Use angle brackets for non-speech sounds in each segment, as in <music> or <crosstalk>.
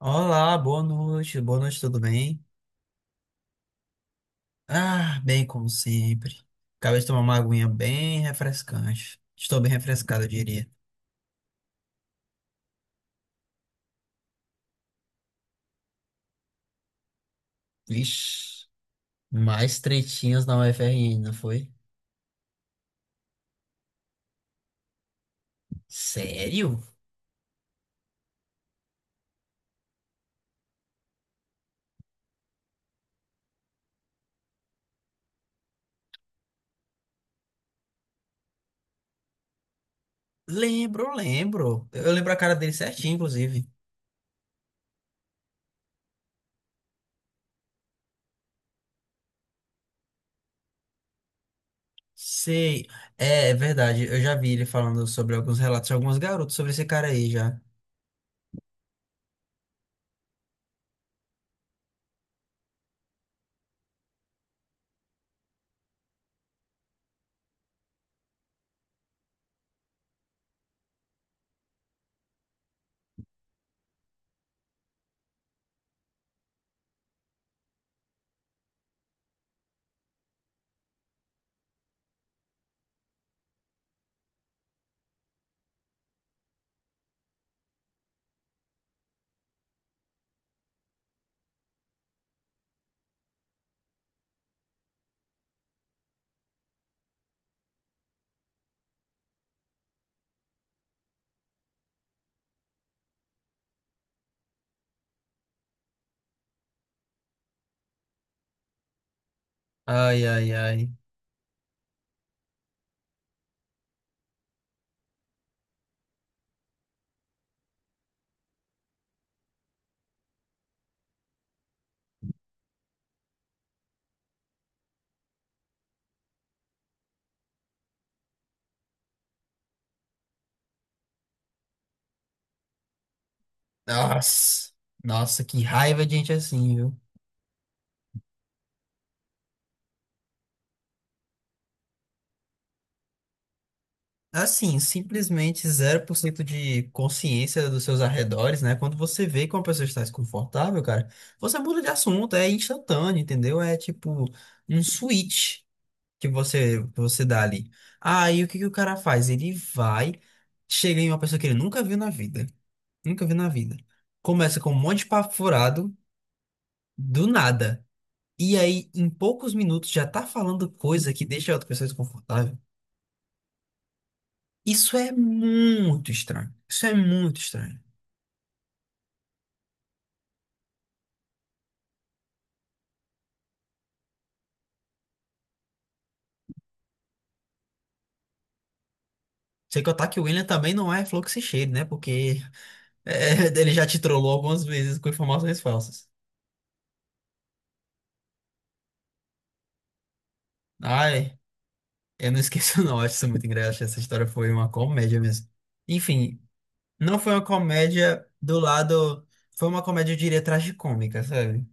Olá, boa noite, tudo bem? Ah, bem como sempre. Acabei de tomar uma aguinha bem refrescante. Estou bem refrescado, eu diria. Vixe, mais tretinhas na UFRN, não foi? Sério? Lembro, lembro. Eu lembro a cara dele certinho, inclusive. Sei, é verdade, eu já vi ele falando sobre alguns relatos de alguns garotos sobre esse cara aí já. Ai, ai, ai. Nossa, nossa, que raiva de gente assim, viu? Assim, simplesmente zero por cento de consciência dos seus arredores, né? Quando você vê que uma pessoa está desconfortável, cara, você muda de assunto, é instantâneo, entendeu? É tipo um switch que você dá ali. Aí o que que o cara faz? Ele vai, chega em uma pessoa que ele nunca viu na vida, nunca viu na vida. Começa com um monte de papo furado, do nada. E aí, em poucos minutos, já tá falando coisa que deixa a outra pessoa desconfortável. Isso é muito estranho. Isso é muito estranho. Sem contar que o William também não é fluxo e cheio, né? Porque <laughs> ele já te trollou algumas vezes com informações falsas. Ai, eu não esqueço, não. <laughs> Acho isso muito engraçado. Essa história foi uma comédia mesmo. Enfim, não foi uma comédia do lado. Foi uma comédia, eu diria, tragicômica, sabe?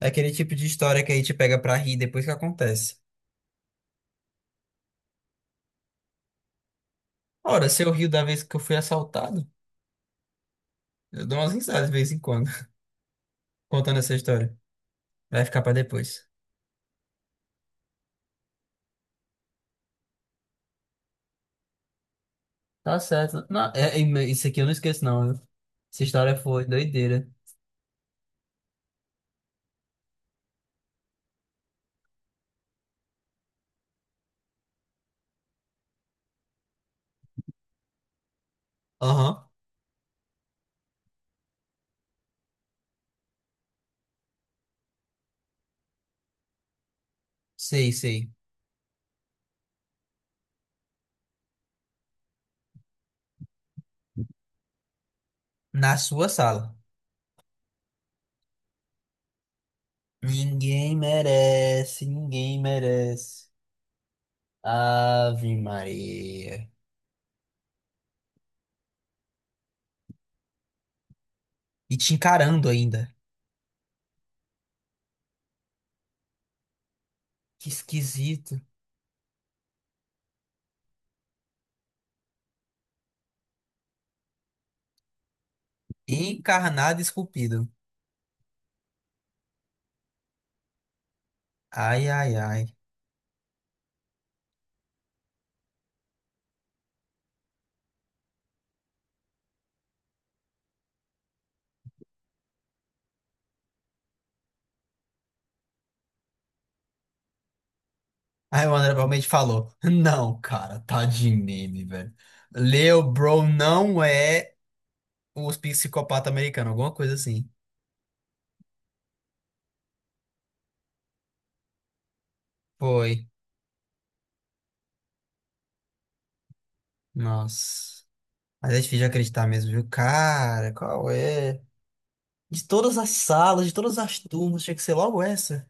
É aquele tipo de história que aí te pega pra rir depois que acontece. Ora, se eu rio da vez que eu fui assaltado, eu dou umas risadas de vez em quando, <laughs> contando essa história. Vai ficar pra depois. Tá certo. Não, isso aqui eu não esqueço, não, viu? Essa história foi doideira. Aham, sei, sei. Na sua sala. Ninguém merece, ninguém merece. Ave Maria. E te encarando ainda. Que esquisito. Encarnado e esculpido. Ai, ai, ai. Aí o André realmente falou: Não, cara, tá de meme, velho. Leo Bro não é os psicopata americano, alguma coisa assim. Foi. Nossa. Mas é difícil de acreditar mesmo, viu? Cara, qual é? De todas as salas, de todas as turmas, tinha que ser logo essa.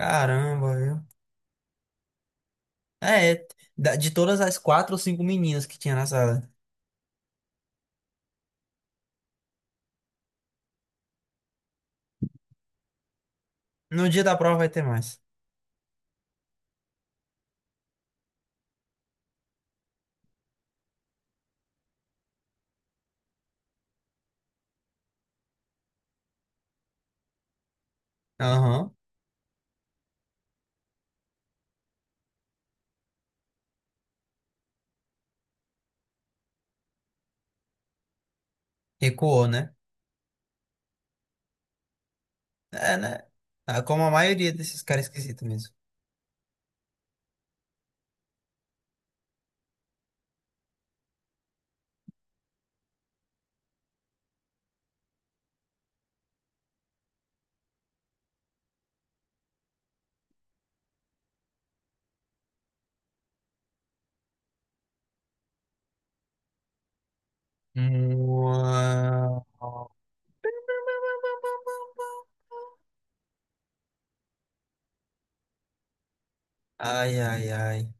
Caramba, viu? É, é, de todas as quatro ou cinco meninas que tinha na sala. No dia da prova vai ter mais. Aham. Recuou, né? É, né? Ah, como a maioria desses caras esquisitos mesmo. Uau. Ai, ai, ai.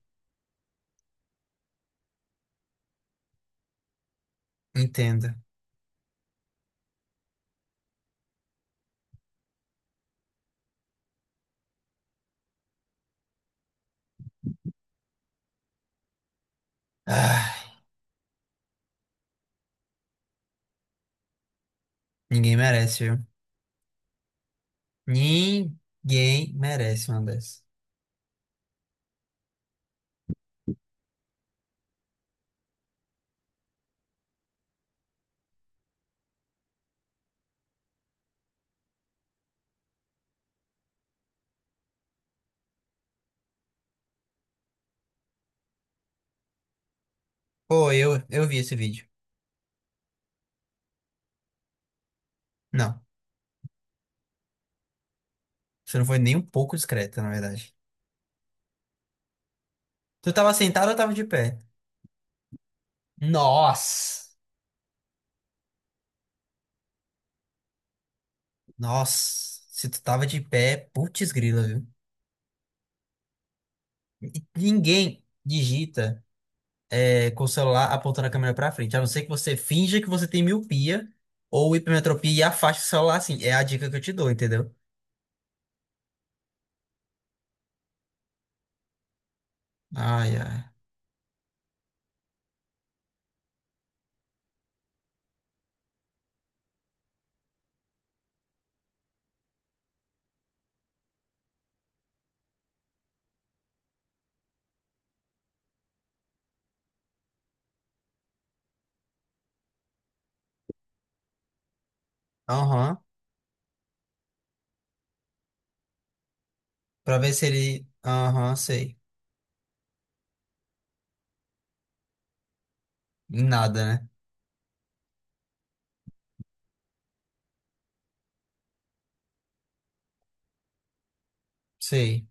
Entenda. Ah, ninguém merece, viu? Ninguém merece uma dessas. Pô, eu vi esse vídeo. Não. Você não foi nem um pouco discreta, na verdade. Tu tava sentado ou tava de pé? Nossa! Nossa, se tu tava de pé, putz grila, viu? E ninguém digita com o celular apontando a câmera pra frente, a não ser que você finja que você tem miopia ou hipermetropia e afaste o celular assim. É a dica que eu te dou, entendeu? Ai, ai. Aham. Pra ver se ele. Aham, sei. Em nada, né? Sei.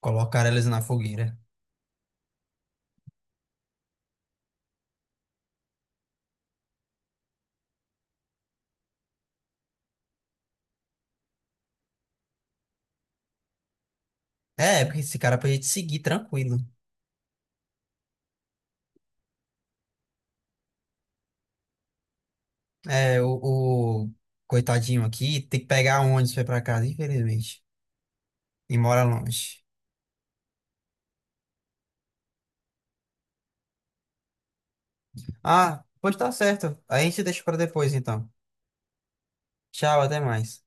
Colocar eles na fogueira. É, porque esse cara pode te seguir tranquilo. É, o coitadinho aqui tem que pegar um ônibus pra ir pra casa, infelizmente. E mora longe. Ah, pode estar certo. A gente deixa pra depois, então. Tchau, até mais.